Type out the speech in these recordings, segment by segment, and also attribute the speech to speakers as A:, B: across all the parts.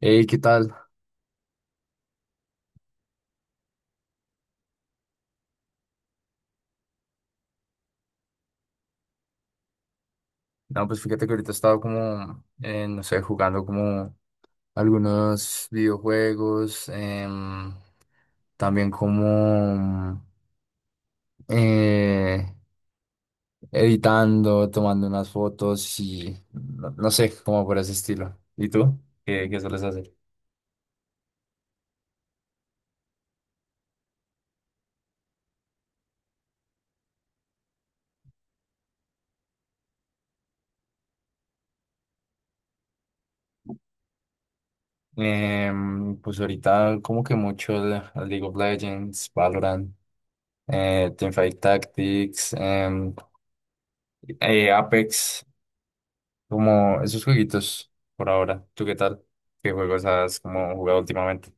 A: Hey, ¿qué tal? No, pues fíjate que ahorita estaba como, no sé, jugando como algunos videojuegos, también como eh, editando, tomando unas fotos y no, no sé, como por ese estilo. ¿Y tú? Qué sueles hacer? Pues ahorita como que League of Legends, Valorant, Teamfight Tactics, Apex. Como esos jueguitos por ahora. ¿Tú qué tal? ¿Qué juegos has como jugado últimamente?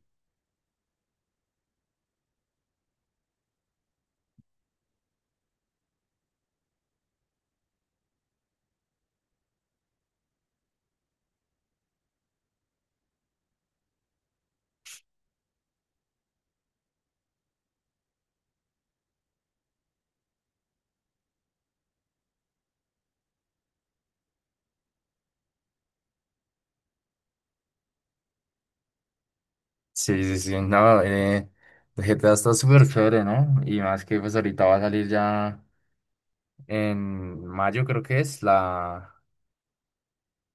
A: Sí, sí, sí. No, el GTA está súper chévere, ¿no? Y más que pues ahorita va a salir ya en mayo, creo que es, la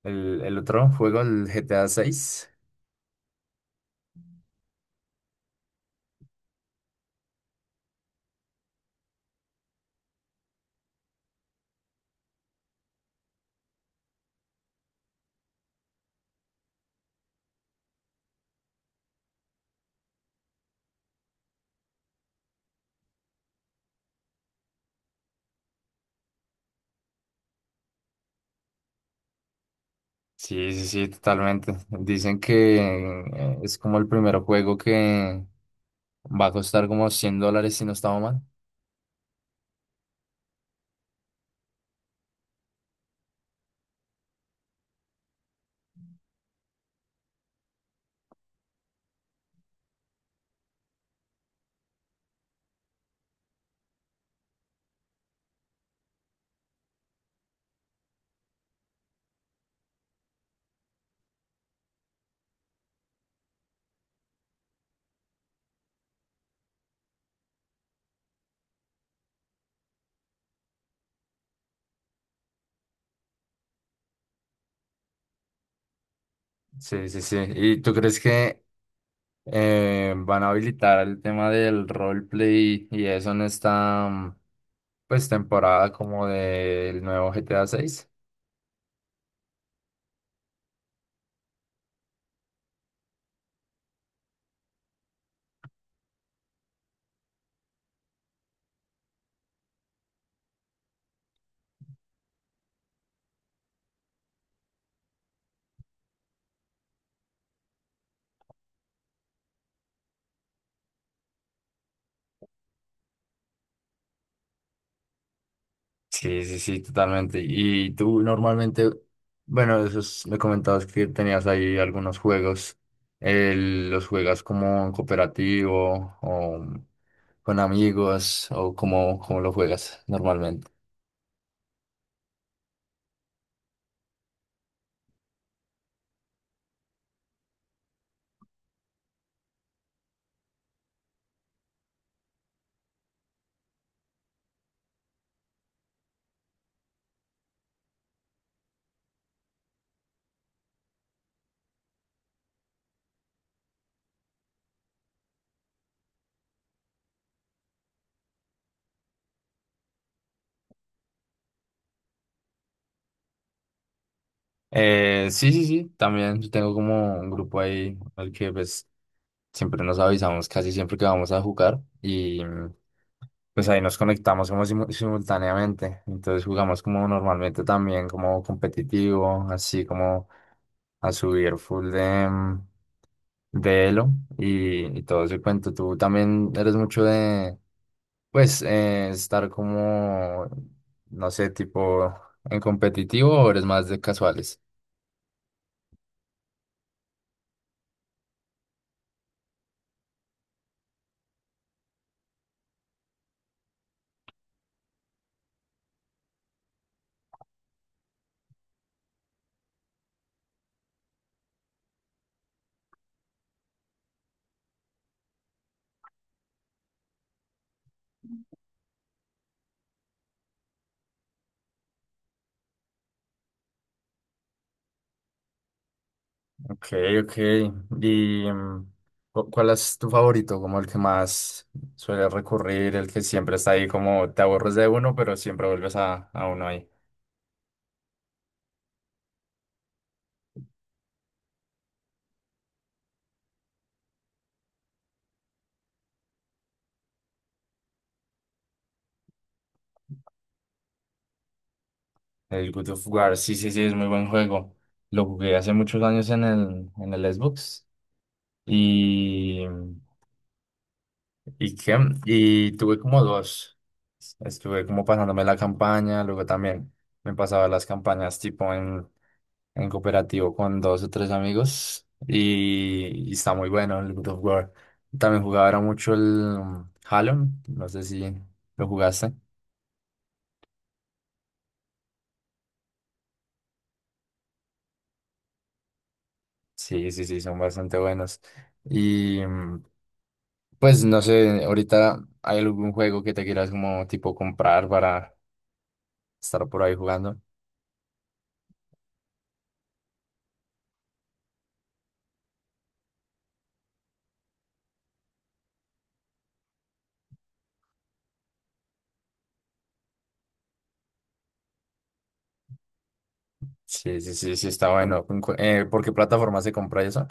A: el otro juego, el GTA seis. Sí, sí, sí, totalmente. Dicen que es como el primer juego que va a costar como $100 si no estaba mal. Sí, sí, sí. ¿Y tú crees que van a habilitar el tema del roleplay y eso en esta pues temporada como del nuevo GTA 6? Sí, sí, sí, totalmente. Y tú normalmente, bueno, esos me comentabas que tenías ahí algunos juegos. ¿Los juegas como en cooperativo o con amigos o cómo lo juegas normalmente? Sí, sí, sí, también yo tengo como un grupo ahí al que pues siempre nos avisamos casi siempre que vamos a jugar y pues ahí nos conectamos como simultáneamente, entonces jugamos como normalmente también como competitivo, así como a subir full de elo y todo ese cuento. Tú también eres mucho de pues estar como, no sé, tipo en competitivo o eres más de casuales. Ok, ok. ¿Y cuál es tu favorito? Como el que más suele recurrir, el que siempre está ahí, como te aburres de uno, pero siempre vuelves a uno ahí. El Good of War, sí, sí, sí, es muy buen juego. Lo jugué hace muchos años en en el Xbox. Y, ¿y qué? Y tuve como dos. Estuve como pasándome la campaña, luego también me pasaba las campañas tipo en cooperativo con dos o tres amigos y está muy bueno el God of War. También jugaba ahora mucho el Halo, no sé si lo jugaste. Sí, sí, sí, son bastante buenos. Y pues no sé, ahorita hay algún juego que te quieras como tipo comprar para estar por ahí jugando. Sí, sí, sí, sí, está bueno. ¿En por qué plataforma se compra eso?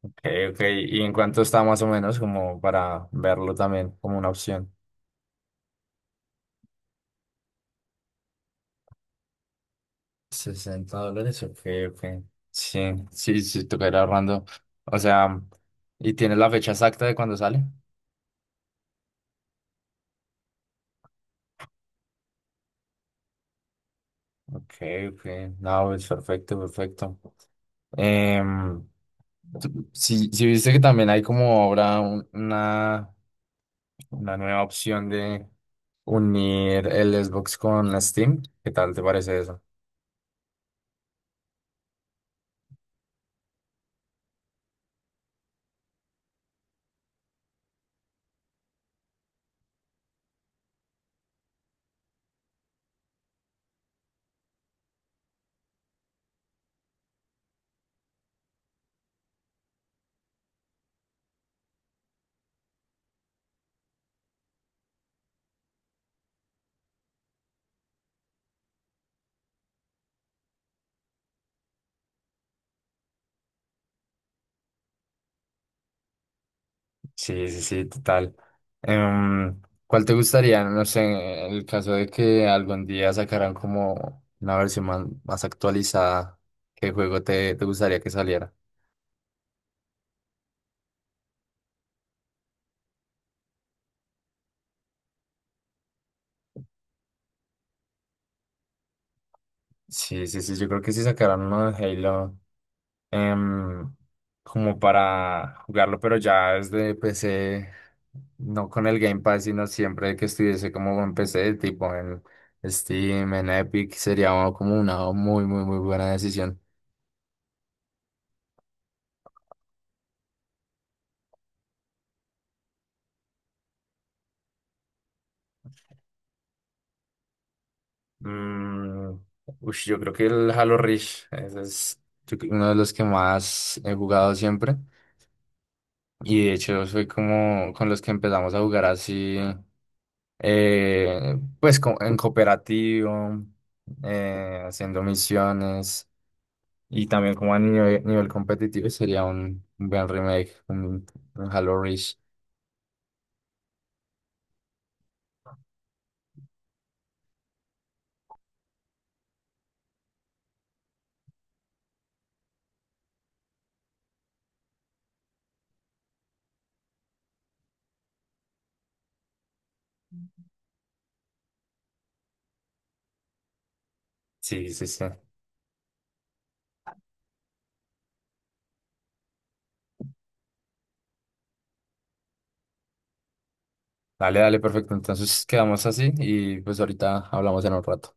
A: Ok, ok. ¿Y en cuánto está más o menos como para verlo también como una opción? $60, ok, ok. Sí, sí, sí, toca ir ahorrando. O sea, ¿y tienes la fecha exacta de cuándo sale? Ok, ok. No, es perfecto, perfecto. Em, si viste que también hay como ahora una nueva opción de unir el Xbox con Steam, ¿qué tal te parece eso? Sí, sí, sí, total. Em, ¿cuál te gustaría? No sé, en el caso de que algún día sacaran como una versión más actualizada, ¿qué juego te gustaría que saliera? Sí, sí, sí, yo creo que sí sacaran uno de Halo em, como para jugarlo, pero ya desde PC, no con el Game Pass, sino siempre que estuviese como en PC, tipo en Steam, en Epic, sería como una muy, muy, muy buena decisión. Mm, ush, yo creo que el Halo Reach, ese es yo creo, uno de los que más he jugado siempre. Y de hecho soy como con los que empezamos a jugar así, pues en cooperativo, haciendo misiones y también como a nivel, nivel competitivo sería un buen remake, un Halo Reach. Sí, sí, sí. Dale, dale, perfecto. Entonces quedamos así y pues ahorita hablamos en un rato.